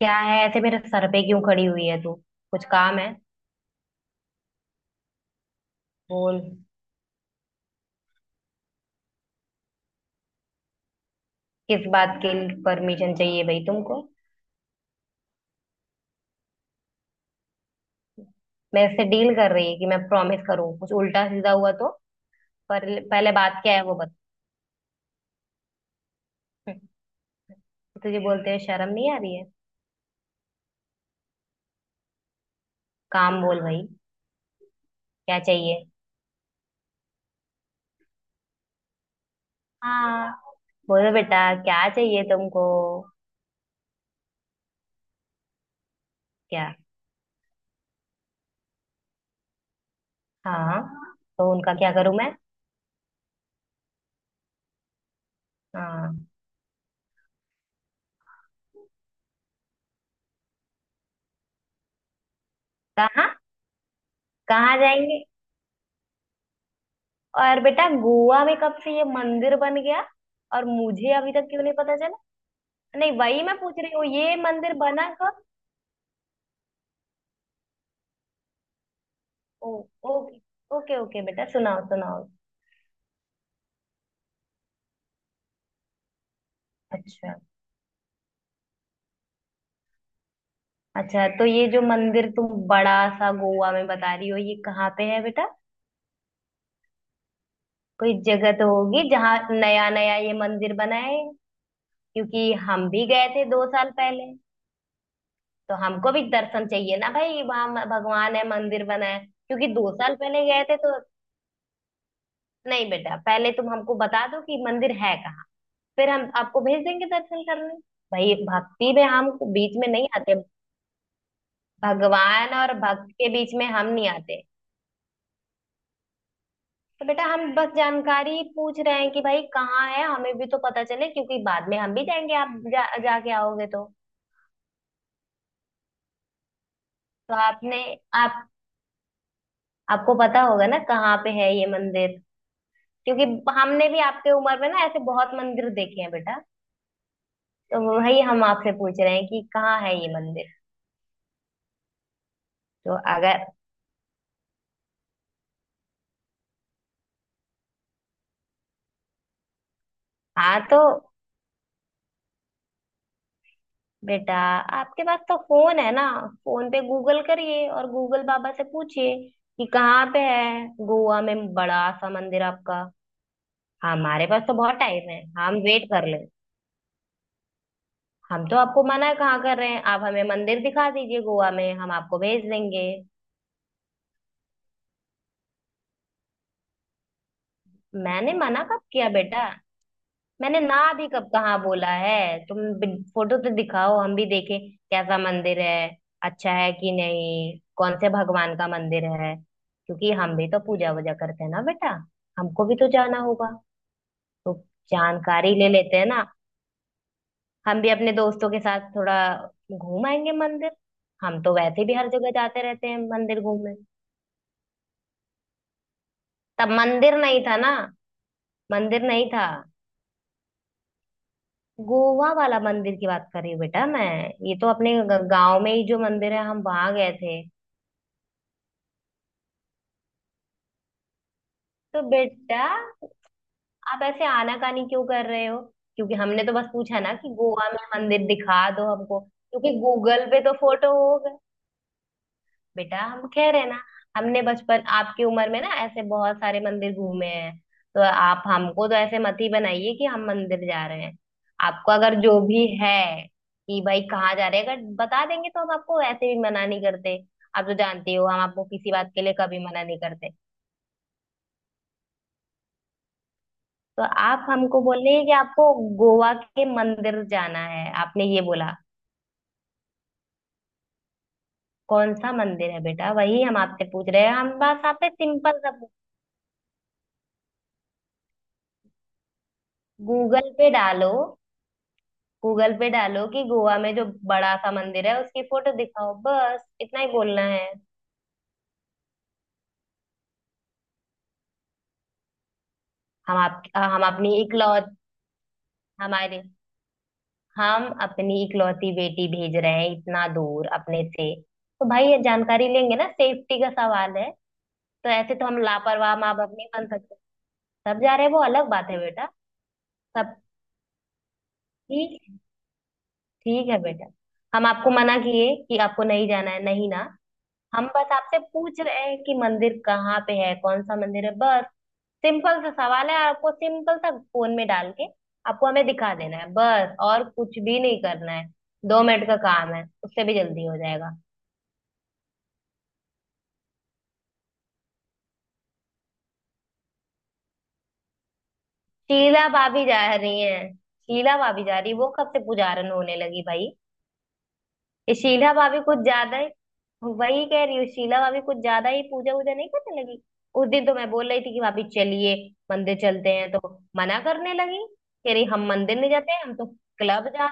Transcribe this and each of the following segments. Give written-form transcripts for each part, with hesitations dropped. क्या है ऐसे मेरे सर पे क्यों खड़ी हुई है तू। कुछ काम है? बोल। किस बात के लिए परमिशन चाहिए भाई तुमको? मेरे से डील कर रही है कि मैं प्रॉमिस करूँ कुछ उल्टा सीधा हुआ तो। पर पहले बात क्या है वो बता। तुझे बोलते हुए शर्म नहीं आ रही है? काम बोल भाई। क्या चाहिए? हाँ। बोलो बेटा क्या चाहिए तुमको? क्या? हाँ। तो उनका क्या करूं मैं? हाँ। कहाँ? कहाँ जाएंगे? और बेटा गोवा में कब से ये मंदिर बन गया? और मुझे अभी तक क्यों नहीं पता? नहीं वही मैं पूछ रही हूँ ये मंदिर बना कब? ओ। ओके। ओके ओके बेटा सुनाओ सुनाओ। अच्छा। अच्छा तो ये जो मंदिर तुम बड़ा सा गोवा में बता रही हो ये कहाँ पे है बेटा? कोई जगह तो होगी जहाँ नया नया ये मंदिर बना है। क्योंकि हम भी गए थे 2 साल पहले। तो हमको भी दर्शन चाहिए ना भाई वहाँ भगवान है मंदिर बना है क्योंकि 2 साल पहले गए थे तो। नहीं बेटा पहले तुम हमको बता दो कि मंदिर है। फिर हम आपको भेज देंगे दर्शन करने। भाई भक्ति में हम बीच में नहीं आते। भगवान और भक्त के बीच में हम नहीं आते। तो बेटा हम बस जानकारी पूछ रहे हैं कि भाई कहाँ है हमें भी तो पता चले क्योंकि बाद में हम भी जाएंगे आप जाके आओगे तो। तो आपने। आप। आपको पता होगा ना कहाँ पे है ये मंदिर? क्योंकि हमने भी आपके उम्र में ना ऐसे बहुत मंदिर देखे हैं बेटा। तो वही हम आपसे पूछ रहे हैं कि कहाँ है ये मंदिर। तो अगर। हाँ। तो बेटा आपके पास तो फोन है ना? फोन पे गूगल करिए और गूगल बाबा से पूछिए कि कहाँ पे है गोवा में बड़ा सा मंदिर आपका। हमारे पास तो बहुत टाइम है हम वेट कर ले। हम तो आपको मना कहाँ कर रहे हैं? आप हमें मंदिर दिखा दीजिए गोवा में हम आपको भेज देंगे। मैंने मना कब किया बेटा? मैंने ना भी कब कहाँ बोला है? तुम फोटो तो दिखाओ हम भी देखें कैसा मंदिर है। अच्छा है कि नहीं? कौन से भगवान का मंदिर है? क्योंकि हम भी तो पूजा वूजा करते हैं ना बेटा। हमको भी तो जाना होगा। तो जानकारी ले लेते हैं ना। हम भी अपने दोस्तों के साथ थोड़ा घूम आएंगे मंदिर। हम तो वैसे भी हर जगह जाते रहते हैं मंदिर घूमने। तब मंदिर नहीं था ना। मंदिर नहीं था। गोवा वाला मंदिर की बात कर रही हूँ बेटा मैं। ये तो अपने गांव में ही जो मंदिर है हम वहां गए थे। तो बेटा आप ऐसे आनाकानी क्यों कर रहे हो? क्योंकि हमने तो बस पूछा ना कि गोवा में मंदिर दिखा दो हमको क्योंकि गूगल पे तो फोटो होगा। बेटा हम कह रहे हैं ना। हमने बचपन आपकी उम्र में ना ऐसे बहुत सारे मंदिर घूमे हैं। तो आप हमको तो ऐसे मत ही बनाइए कि हम मंदिर जा रहे हैं। आपको अगर जो भी है कि भाई कहाँ जा रहे हैं अगर बता देंगे तो हम आपको ऐसे भी मना नहीं करते। आप तो जानती हो हम आपको किसी बात के लिए कभी मना नहीं करते। तो आप हमको बोल रही है कि आपको गोवा के मंदिर जाना है आपने ये बोला? कौन सा मंदिर है बेटा वही हम आपसे पूछ रहे हैं। हम बस आप सिंपल सा। गूगल पे डालो। गूगल पे डालो कि गोवा में जो बड़ा सा मंदिर है उसकी फोटो दिखाओ बस इतना ही बोलना है। हम आप हम अपनी इकलौत हमारे हम अपनी इकलौती बेटी भेज रहे हैं इतना दूर अपने से। तो भाई ये जानकारी लेंगे ना सेफ्टी का सवाल है। तो ऐसे तो हम लापरवाह माँ बाप नहीं बन सकते। सब जा रहे हैं वो अलग बात है बेटा। सब ठीक। ठीक है बेटा। हम आपको मना किए कि आपको नहीं जाना है? नहीं ना। हम बस आपसे पूछ रहे हैं कि मंदिर कहाँ पे है कौन सा मंदिर है बस। सिंपल सा सवाल है। आपको सिंपल सा फोन में डाल के आपको हमें दिखा देना है बस और कुछ भी नहीं करना है। 2 मिनट का काम है उससे भी जल्दी हो जाएगा। शीला भाभी जा रही है? शीला भाभी जा रही वो कब से पुजारन होने लगी भाई? ये शीला भाभी कुछ ज्यादा ही। वही कह रही हूँ शीला भाभी कुछ ज्यादा ही पूजा वूजा नहीं करने लगी। उस दिन तो मैं बोल रही थी कि भाभी चलिए मंदिर चलते हैं तो मना करने लगी। कह रही हम मंदिर नहीं जाते हम तो क्लब जा।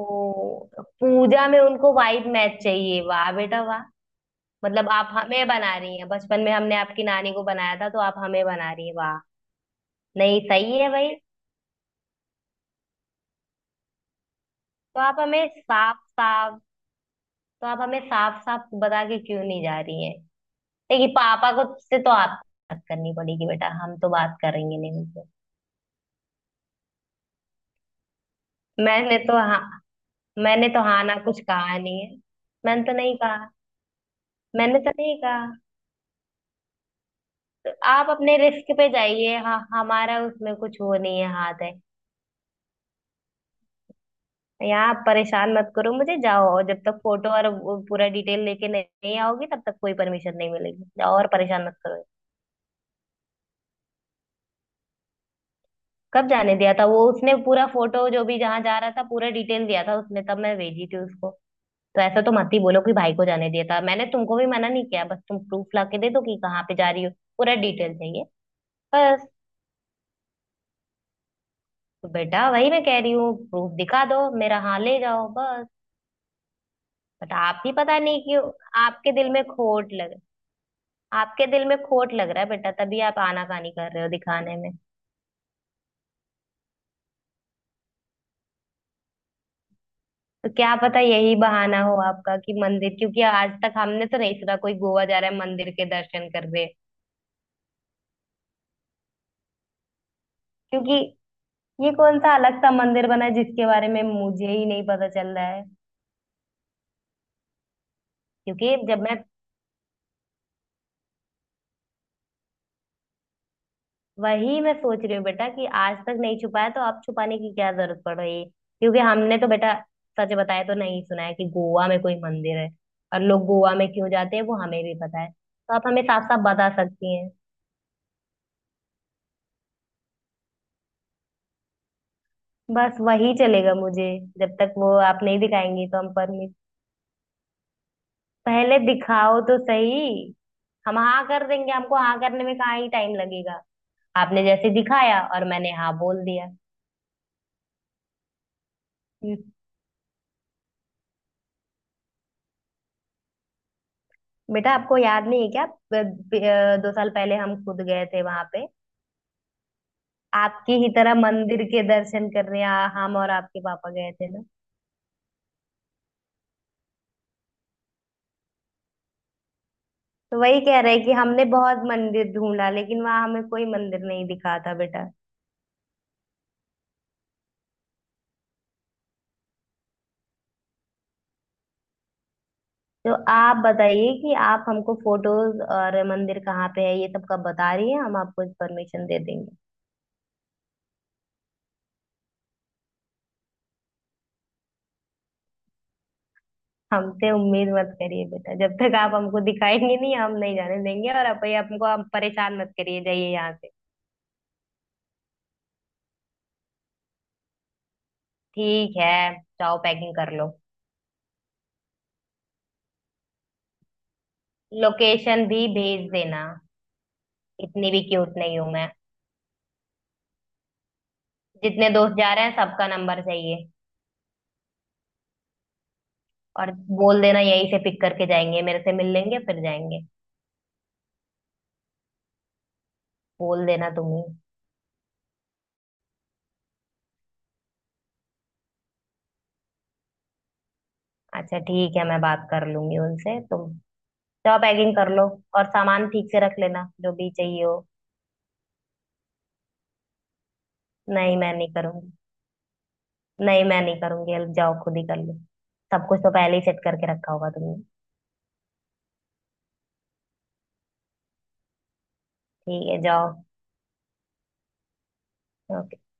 ओ। पूजा में उनको वाइट मैच चाहिए? वाह बेटा वाह। मतलब आप हमें बना रही हैं? बचपन में हमने आपकी नानी को बनाया था तो आप हमें बना रही हैं। वाह। नहीं सही है भाई। तो आप हमें साफ साफ तो आप हमें साफ साफ बता के क्यों नहीं जा रही हैं? देखिए पापा को से तो आप बात करनी पड़ेगी बेटा। हम तो बात करेंगे नहीं उनसे। मैंने तो हाँ मैंने तो हाँ ना कुछ कहा नहीं है। मैंने तो नहीं कहा। मैंने तो नहीं कहा। तो आप अपने रिस्क पे जाइए हाँ। हमारा उसमें कुछ वो नहीं है हाथ है। यहाँ आप परेशान मत करो मुझे। जाओ। और जब तक फोटो और वो पूरा डिटेल लेके नहीं नहीं आओगी तब तक कोई परमिशन नहीं मिलेगी। जाओ और परेशान मत करो। कब जाने दिया था? वो उसने पूरा फोटो जो भी जहाँ जा रहा था पूरा डिटेल दिया था उसने तब मैं भेजी थी उसको। तो ऐसा तो मत ही बोलो कि भाई को जाने दिया था। मैंने तुमको भी मना नहीं किया बस तुम प्रूफ ला के दे दो कि कहाँ पे जा रही हो। पूरा डिटेल चाहिए बस। तो बेटा वही मैं कह रही हूँ प्रूफ दिखा दो मेरा हाँ ले जाओ बस। बट आप ही पता नहीं क्यों। आपके दिल में खोट लग आपके दिल में खोट लग रहा है बेटा तभी आप आनाकानी कर रहे हो दिखाने में। तो क्या पता यही बहाना हो आपका कि मंदिर क्योंकि आज तक हमने तो नहीं सुना कोई गोवा जा रहा है मंदिर के दर्शन कर रहे। क्योंकि ये कौन सा अलग सा मंदिर बना है जिसके बारे में मुझे ही नहीं पता चल रहा है? क्योंकि जब मैं वही मैं सोच रही हूँ बेटा कि आज तक नहीं छुपाया तो अब छुपाने की क्या जरूरत पड़ रही है। क्योंकि हमने तो बेटा सच बताया तो नहीं सुना है कि गोवा में कोई मंदिर है। और लोग गोवा में क्यों जाते हैं वो हमें भी पता है। तो आप हमें साफ साफ बता सकती हैं। बस वही चलेगा मुझे। जब तक वो आप नहीं दिखाएंगे तो हम पर पहले दिखाओ तो सही। हम हाँ कर देंगे हमको हाँ करने में कहाँ ही टाइम लगेगा? आपने जैसे दिखाया और मैंने हाँ बोल दिया। हम्म, बेटा आपको याद नहीं है क्या 2 साल पहले हम खुद गए थे वहां पे। आपकी ही तरह मंदिर के दर्शन करने हम और आपके पापा गए थे ना। तो वही कह रहे हैं कि हमने बहुत मंदिर ढूंढा लेकिन वहां हमें कोई मंदिर नहीं दिखा था बेटा। तो आप बताइए कि आप हमको फोटोज और मंदिर कहाँ पे है ये सब कब बता रही हैं? हम आपको परमिशन दे देंगे। हमसे उम्मीद मत करिए बेटा। जब तक आप हमको दिखाएंगे नहीं हम नहीं जाने देंगे। और आप हमको आप परेशान मत करिए जाइए यहाँ से। ठीक है जाओ पैकिंग कर लो। लोकेशन भी भेज देना। इतनी भी क्यूट नहीं हूं मैं। जितने दोस्त जा रहे हैं सबका नंबर चाहिए। और बोल देना यहीं से पिक करके जाएंगे मेरे से मिल लेंगे फिर जाएंगे। बोल देना तुम ही। अच्छा ठीक है मैं बात कर लूंगी उनसे। तुम जाओ पैकिंग कर लो। और सामान ठीक से रख लेना जो भी चाहिए हो। नहीं मैं नहीं करूंगी। नहीं मैं नहीं करूंगी हेल्प। जाओ खुद ही कर लो। सब कुछ तो पहले ही सेट करके रखा होगा तुमने। ठीक है जाओ। हाँ।